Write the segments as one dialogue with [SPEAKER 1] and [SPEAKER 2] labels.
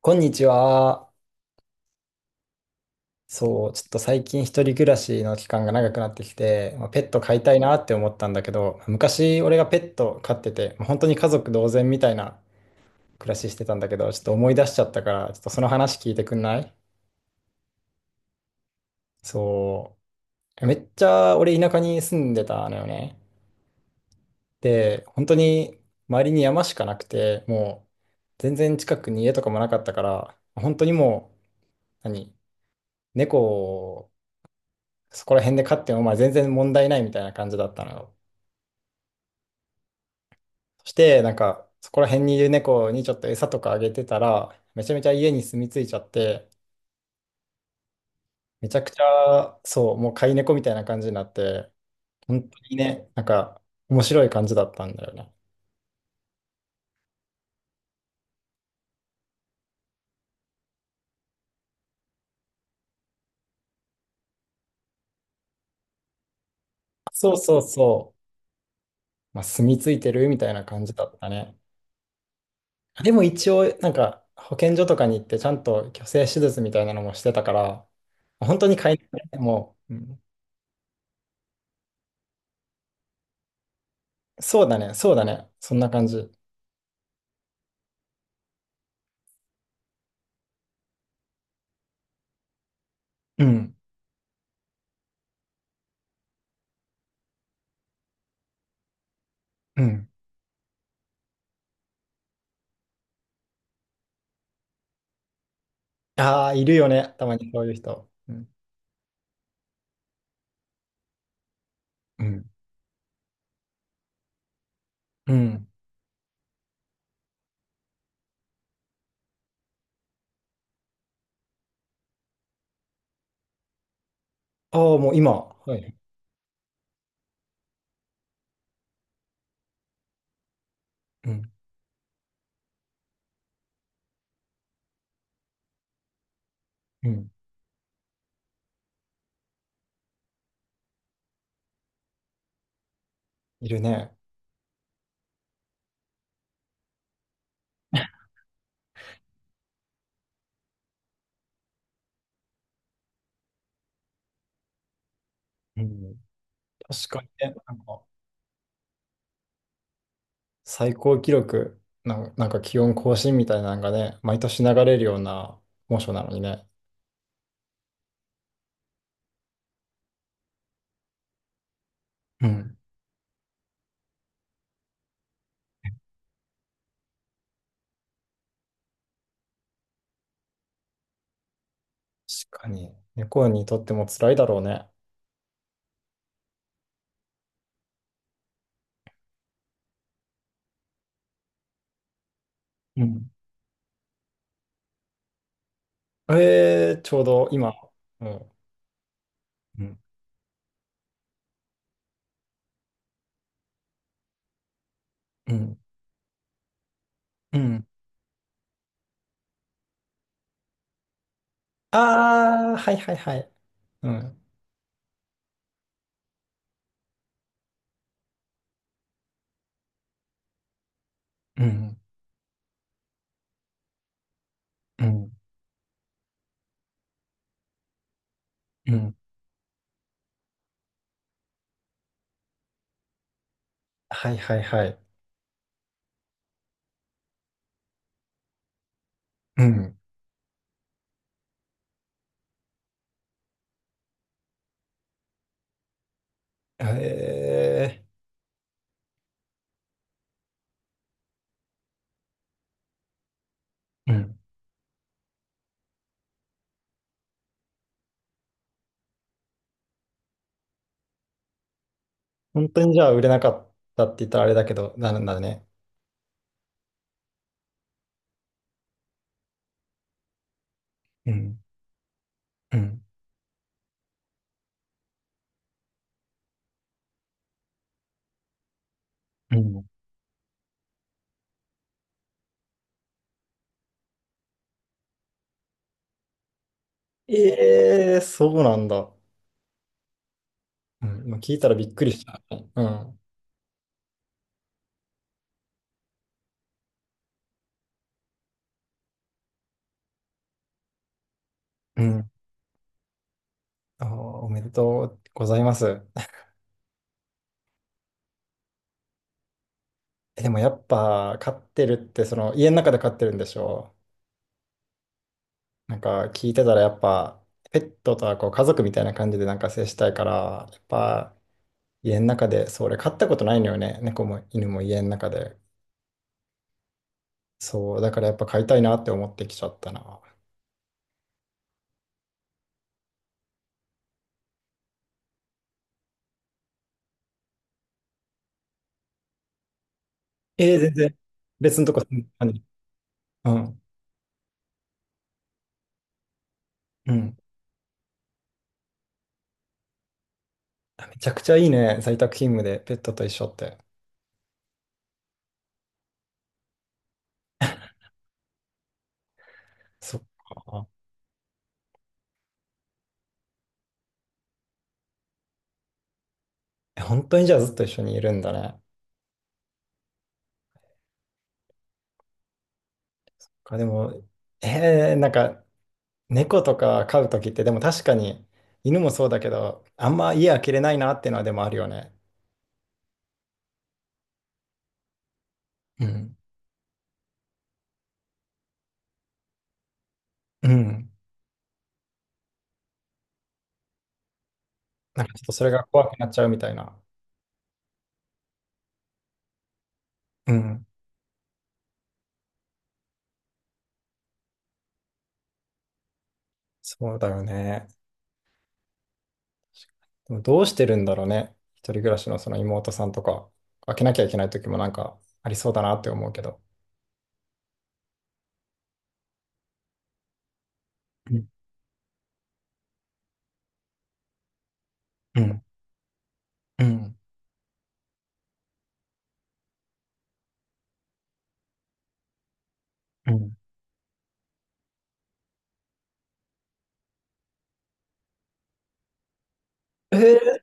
[SPEAKER 1] こんにちは。そう、ちょっと最近一人暮らしの期間が長くなってきて、ペット飼いたいなって思ったんだけど、昔俺がペット飼ってて、本当に家族同然みたいな暮らししてたんだけど、ちょっと思い出しちゃったから、ちょっとその話聞いてくんない？そう。めっちゃ俺田舎に住んでたのよね。で、本当に周りに山しかなくて、もう全然近くに家とかもなかったから、本当にもう、何、猫そこら辺で飼っても全然問題ないみたいな感じだったのよ。そして、そこら辺にいる猫にちょっと餌とかあげてたら、めちゃめちゃ家に住み着いちゃって、めちゃくちゃ、そう、もう飼い猫みたいな感じになって、本当にね、面白い感じだったんだよね。そうそうそう、まあ、住み着いてるみたいな感じだったね。でも一応、保健所とかに行って、ちゃんと去勢手術みたいなのもしてたから、本当に飼い猫ね、もう、うん。そうだね、そうだね、そんな感じ。うんうん。ああ、いるよね。たまにそういう人。うん。うん。うん。ああ、もう今。はい。うん。うん。いるね。うん。確かにね。最高記録、なんか気温更新みたいなのがね、毎年流れるような猛暑なのにね。うん。確かに。猫にとっても辛いだろうね。うん。えー、ちょうど今。うん。うん。うん。うん。ああー、はいはいはい。うん。うん。うん。うん。はいはいはい。うん。へえ。うん、本当にじゃあ売れなかったって言ったらあれだけど、なるんだね。うん、うん、うん、ええ、そうなんだ。うん、今聞いたらびっくりした。うん。うん。あー、おめでとうございます。えでもやっぱ飼ってるってその家の中で飼ってるんでしょ？聞いてたらやっぱペットとはこう家族みたいな感じで接したいからやっぱ家の中でそれ飼ったことないのよね。猫も犬も家の中で。そう、だからやっぱ買いたいなって思ってきちゃったな。ええ全然。別のとこ住んでたのに。うん。うん。めちゃくちゃいいね。在宅勤務でペットと一緒って。そっか。え、本当にじゃあずっと一緒にいるんだね。かでも、えー、猫とか飼うときって、でも確かに犬もそうだけど、あんま家開けれないなっていうのはでもあるよね。うん。うん。なんかちょっとそれが怖くなっちゃうみたいな。うん。そうだよね。でもどうしてるんだろうね。一人暮らしのその妹さんとか、開けなきゃいけない時もなんかありそうだなって思うけど。うんうんうんうん。えー、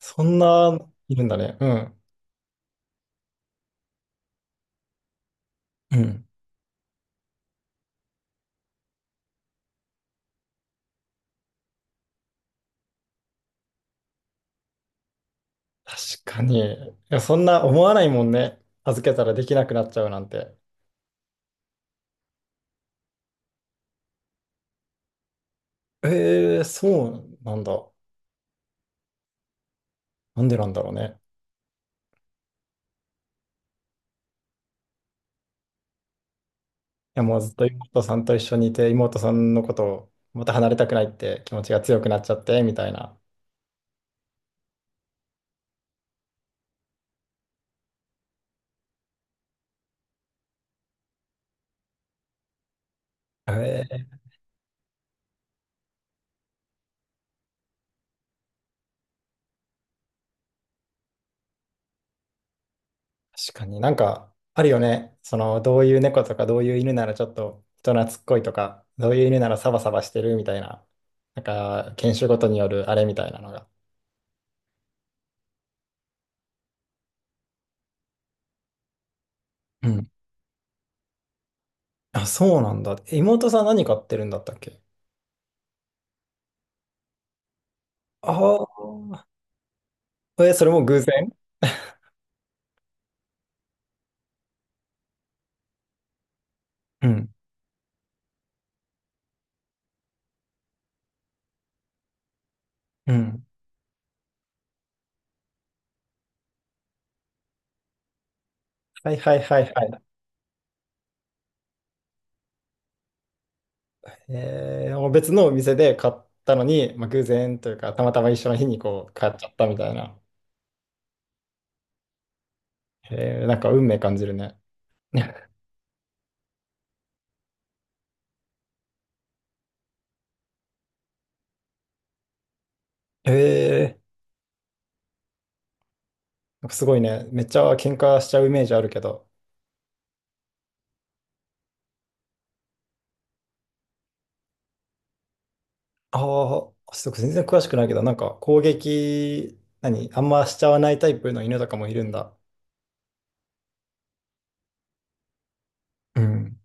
[SPEAKER 1] そんないるんだね。うん。うん、確かに。いや、そんな思わないもんね。預けたらできなくなっちゃうなんて。えー、そうなんだ。なんでなんだろうね。いや、もうずっと妹さんと一緒にいて、妹さんのことをまた離れたくないって気持ちが強くなっちゃって、みたいな。えー。確かになんかあるよね。その、どういう猫とか、どういう犬ならちょっと人懐っこいとか、どういう犬ならサバサバしてるみたいな、なんか犬種ごとによるあれみたいなのが。うん。あ、そうなんだ。え妹さん何飼ってるんだったっけ？ああ。え、それも偶然？ うん。うん。はいはいはいはい。えー、もう別のお店で買ったのに、まあ、偶然というか、たまたま一緒の日にこう買っちゃったみたいな。えー、なんか運命感じるね。え、なんかすごいね、めっちゃ喧嘩しちゃうイメージあるけど、ああ、ちょっと全然詳しくないけど、なんか攻撃、何、あんましちゃわないタイプの犬とかもいるんだ。うん。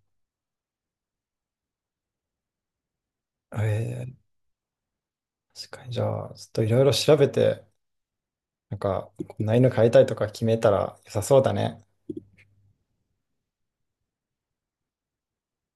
[SPEAKER 1] ええ、確かに。じゃあ、ちょっといろいろ調べて、なんか、こんな犬飼いたいとか決めたら良さそうだね。